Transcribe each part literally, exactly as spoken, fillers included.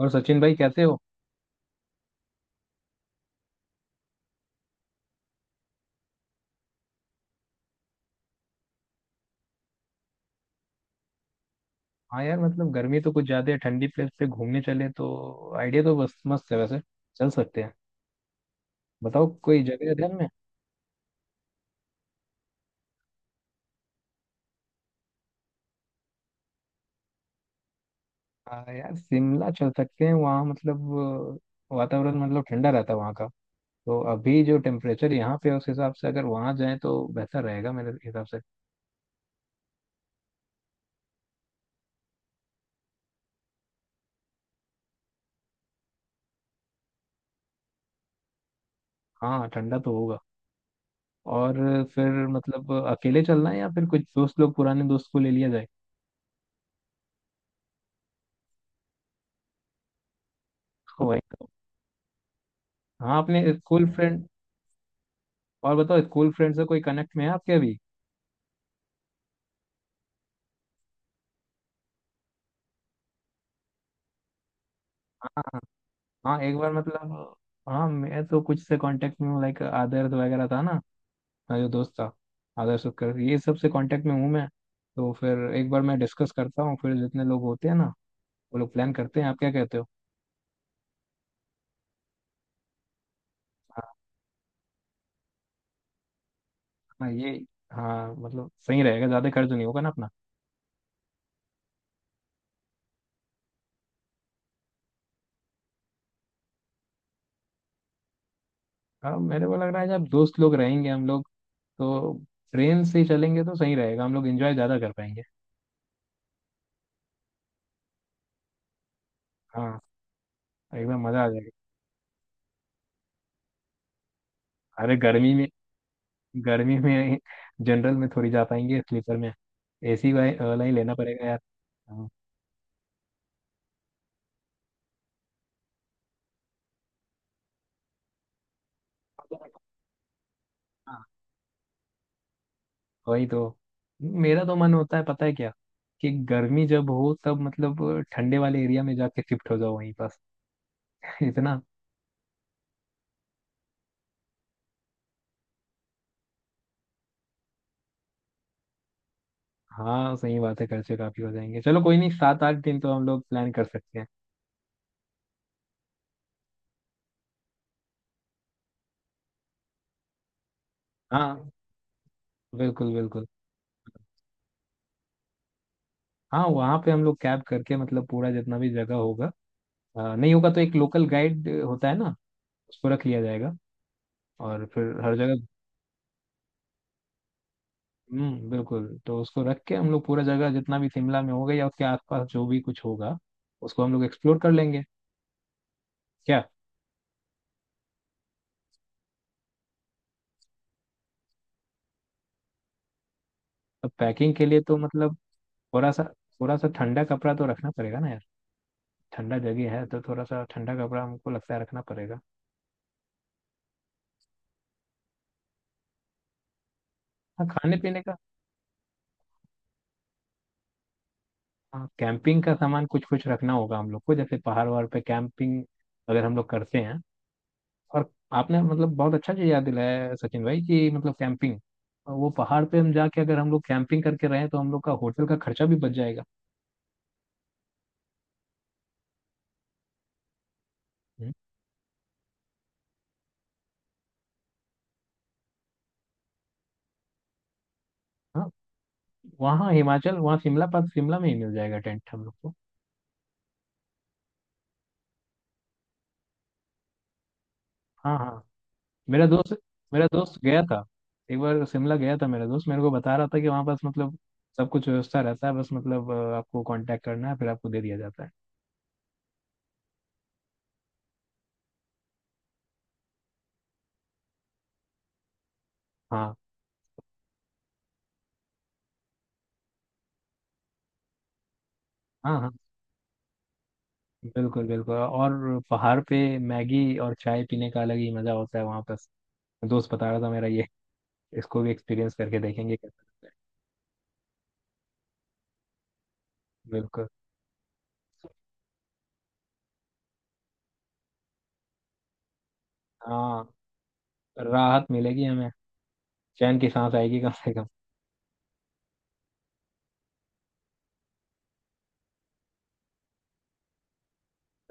और सचिन भाई, कैसे हो? हाँ यार, मतलब गर्मी तो कुछ ज्यादा है। ठंडी प्लेस पे घूमने चले तो आइडिया तो बस मस्त है। वैसे चल सकते हैं। बताओ, कोई जगह है ध्यान में? हाँ यार, शिमला चल सकते हैं वहाँ। मतलब अ, वातावरण मतलब ठंडा रहता है वहाँ का। तो अभी जो टेम्परेचर यहाँ पे है, उस हिसाब से अगर वहाँ जाएं तो बेहतर रहेगा मेरे हिसाब से। हाँ, ठंडा तो होगा। और फिर मतलब अकेले चलना है या फिर कुछ दोस्त लोग, पुराने दोस्त को ले लिया जाए। वही तो। हाँ, अपने स्कूल फ्रेंड। और बताओ, स्कूल फ्रेंड से कोई कनेक्ट में है आपके अभी? हाँ एक बार मतलब, हाँ मैं तो कुछ से कांटेक्ट में हूँ। लाइक आदर्श वगैरह था ना, मेरा जो दोस्त था। आदर्श, उपकर, ये सब से कांटेक्ट में हूँ मैं। तो फिर एक बार मैं डिस्कस करता हूँ, फिर जितने लोग होते हैं ना, वो लोग प्लान करते हैं। आप क्या कहते हो? हाँ। हाँ, ये हाँ मतलब सही रहेगा, ज़्यादा खर्च नहीं होगा ना अपना। हाँ मेरे को लग रहा है, जब दोस्त लोग रहेंगे हम लोग तो ट्रेन से ही चलेंगे तो सही रहेगा। हम लोग एंजॉय ज़्यादा कर पाएंगे। हाँ, एकदम मज़ा आ जाएगा। अरे गर्मी में! गर्मी में जनरल में थोड़ी जा पाएंगे, स्लीपर में। एसी वाला ही लेना पड़ेगा यार। हाँ। हाँ, वही तो। मेरा तो मन होता है, पता है क्या, कि गर्मी जब हो तब मतलब ठंडे वाले एरिया में जाके शिफ्ट हो जाओ वहीं पास। इतना। हाँ सही बात है, खर्चे काफी हो जाएंगे। चलो कोई नहीं, सात आठ दिन तो हम लोग प्लान कर सकते हैं। हाँ, बिल्कुल बिल्कुल। हाँ वहाँ पे हम लोग कैब करके, मतलब पूरा जितना भी जगह होगा, अ, नहीं होगा तो एक लोकल गाइड होता है ना, उसको रख लिया जाएगा। और फिर हर जगह। हम्म, बिल्कुल। तो उसको रख के हम लोग पूरा जगह, जितना भी शिमला में होगा या उसके आसपास जो भी कुछ होगा, उसको हम लोग एक्सप्लोर कर लेंगे। क्या? अब पैकिंग के लिए तो मतलब थोड़ा सा, थोड़ा सा ठंडा कपड़ा तो रखना पड़ेगा ना यार। ठंडा जगह है तो थोड़ा सा ठंडा कपड़ा हमको लगता है रखना पड़ेगा। हाँ, खाने पीने का। हाँ, कैंपिंग का सामान कुछ कुछ रखना होगा हम लोग को। जैसे पहाड़ वहाड़ पे कैंपिंग अगर हम लोग करते हैं। और आपने मतलब बहुत अच्छा चीज़ याद दिलाया है सचिन भाई, कि मतलब कैंपिंग, वो पहाड़ पे हम जाके अगर हम लोग कैंपिंग करके रहे तो हम लोग का होटल का खर्चा भी बच जाएगा। हम्म। हाँ वहाँ हिमाचल, वहाँ शिमला पास, शिमला में ही मिल जाएगा टेंट हम लोग को। हाँ हाँ। मेरा दोस्त मेरा दोस्त गया था। एक बार शिमला गया था मेरा दोस्त, मेरे को बता रहा था कि वहाँ पास मतलब सब कुछ व्यवस्था रहता है। बस मतलब अ, आपको कांटेक्ट करना है फिर आपको दे दिया जाता है। हाँ हाँ हाँ, बिल्कुल बिल्कुल। और पहाड़ पे मैगी और चाय पीने का अलग ही मजा होता है वहाँ पास। दोस्त बता रहा था मेरा ये। इसको भी एक्सपीरियंस करके देखेंगे कैसा लगता है। बिल्कुल। हाँ, राहत मिलेगी हमें। चैन की सांस आएगी कम से कम।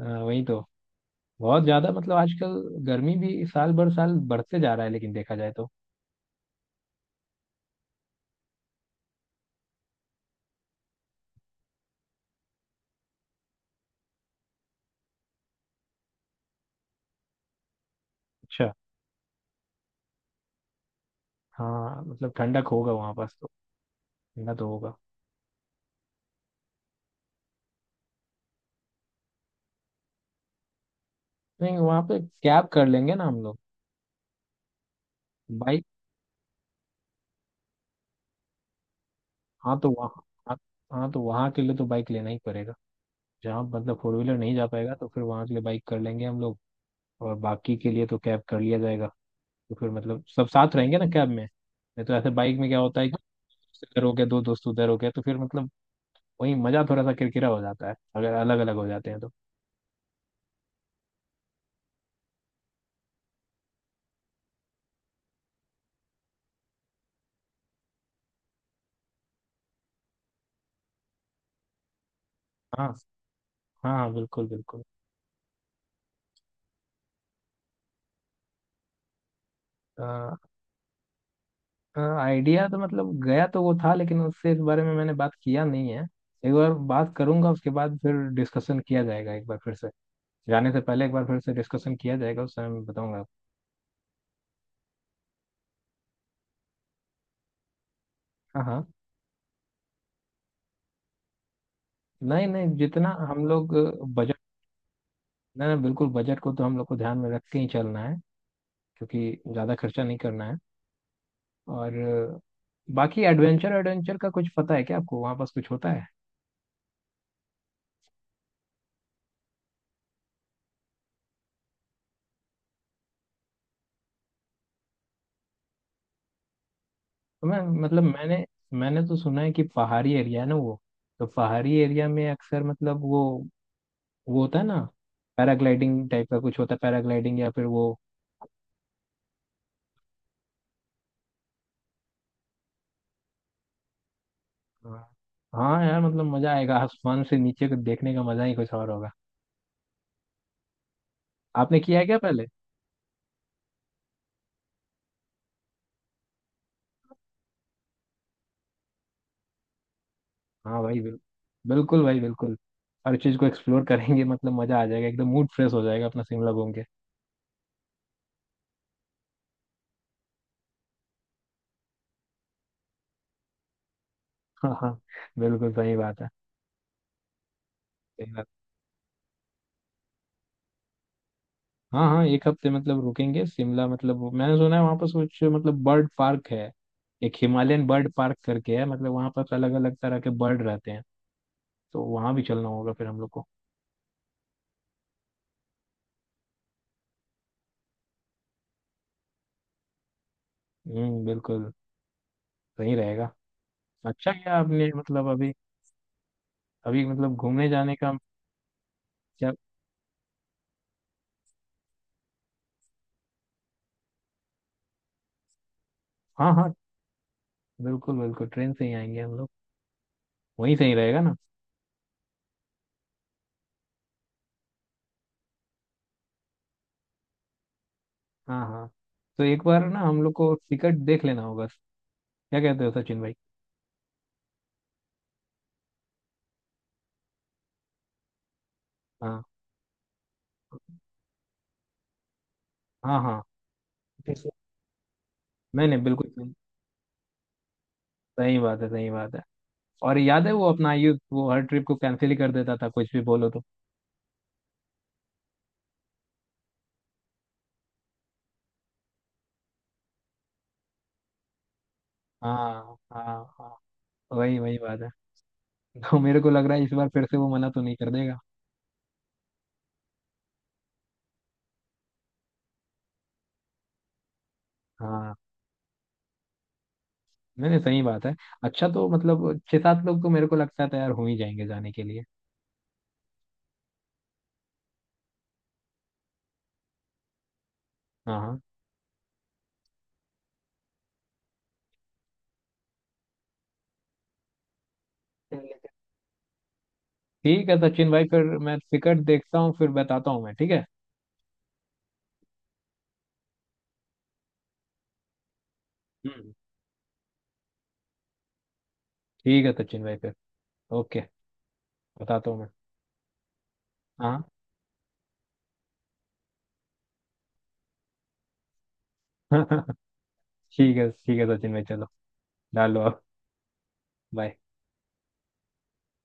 अ, वही तो। बहुत ज्यादा मतलब आजकल गर्मी भी साल भर साल बढ़ते जा रहा है, लेकिन देखा जाए तो। अच्छा। हाँ मतलब ठंडक होगा वहाँ पास तो। ठंडा तो होगा। नहीं, वहाँ पे कैब कर लेंगे ना हम लोग। बाइक। हाँ तो वहाँ। हाँ। हाँ, तो वहाँ के लिए तो बाइक लेना ही पड़ेगा। जहाँ मतलब फोर व्हीलर नहीं जा पाएगा तो फिर वहाँ के लिए बाइक कर लेंगे हम लोग। और बाकी के लिए तो कैब कर लिया जाएगा। तो फिर मतलब सब साथ रहेंगे ना कैब में। नहीं तो ऐसे बाइक में क्या होता है कि दोस्त इधर हो गया, दो दोस्त उधर हो गया, तो फिर मतलब वही मजा थोड़ा सा किरकिरा हो जाता है अगर अलग अलग हो जाते हैं तो। हाँ हाँ हाँ, बिल्कुल बिल्कुल। आइडिया तो मतलब, गया तो वो था, लेकिन उससे इस बारे में मैंने बात किया नहीं है। एक बार बात करूंगा, उसके बाद फिर डिस्कशन किया जाएगा एक बार फिर से। जाने से पहले एक बार फिर से डिस्कशन किया जाएगा, उस समय मैं बताऊंगा आपको। हाँ हाँ। नहीं नहीं, जितना हम लोग। बजट। नहीं नहीं, बिल्कुल बजट को तो हम लोग को ध्यान में रख के ही चलना है, क्योंकि ज़्यादा खर्चा नहीं करना है। और अ, बाकी एडवेंचर एडवेंचर का कुछ पता है क्या आपको? वहाँ पास कुछ होता है? तो मैं मतलब मैंने, मैंने तो सुना है कि पहाड़ी एरिया है ना वो, तो पहाड़ी एरिया में अक्सर मतलब वो वो होता है ना, पैराग्लाइडिंग टाइप का कुछ होता है। पैराग्लाइडिंग या फिर वो। हाँ। हाँ यार, मतलब मजा आएगा। आसमान से नीचे को देखने का मजा ही कुछ और होगा। आपने किया है क्या पहले? हाँ भाई बिल्कुल, बिल्कुल भाई बिल्कुल। हर चीज को एक्सप्लोर करेंगे, मतलब मजा आ जाएगा एकदम। मूड फ्रेश हो जाएगा अपना शिमला घूम के। हाँ हाँ, बिल्कुल सही बात है। सही बात है। हाँ हाँ, एक हफ्ते मतलब रुकेंगे शिमला। मतलब वो- मैंने सुना है वहाँ पर कुछ मतलब बर्ड पार्क है, एक हिमालयन बर्ड पार्क करके है। मतलब वहाँ पर अलग अलग तरह के बर्ड रहते हैं तो वहाँ भी चलना होगा फिर हम लोग को। हम्म, बिल्कुल। सही रहेगा। अच्छा, क्या आपने मतलब अभी, अभी मतलब घूमने जाने का? क्या? हाँ हाँ, बिल्कुल बिल्कुल, ट्रेन से ही आएंगे हम लोग। वहीं से ही रहेगा ना। हाँ हाँ। तो एक बार ना हम लोग को टिकट देख लेना होगा। क्या कहते हो सचिन भाई? हाँ हाँ हाँ। नहीं नहीं बिल्कुल। सही बात है, सही बात है। और याद है वो अपना आयुब, वो हर ट्रिप को कैंसिल ही कर देता था कुछ भी बोलो तो? हाँ हाँ हाँ, वही वही बात है। तो मेरे को लग रहा है इस बार फिर से वो मना तो नहीं कर देगा। हाँ। नहीं नहीं सही बात है। अच्छा, तो मतलब छह सात लोग तो मेरे को लगता है तैयार हो ही जाएंगे जाने के लिए। हाँ हाँ। ठीक है सचिन भाई, फिर मैं टिकट देखता हूँ फिर बताता हूँ मैं, ठीक है? हम्म, ठीक है सचिन भाई फिर। ओके, बताता हूँ मैं। हाँ। ठीक है ठीक है सचिन भाई, चलो डालो अब। Bye.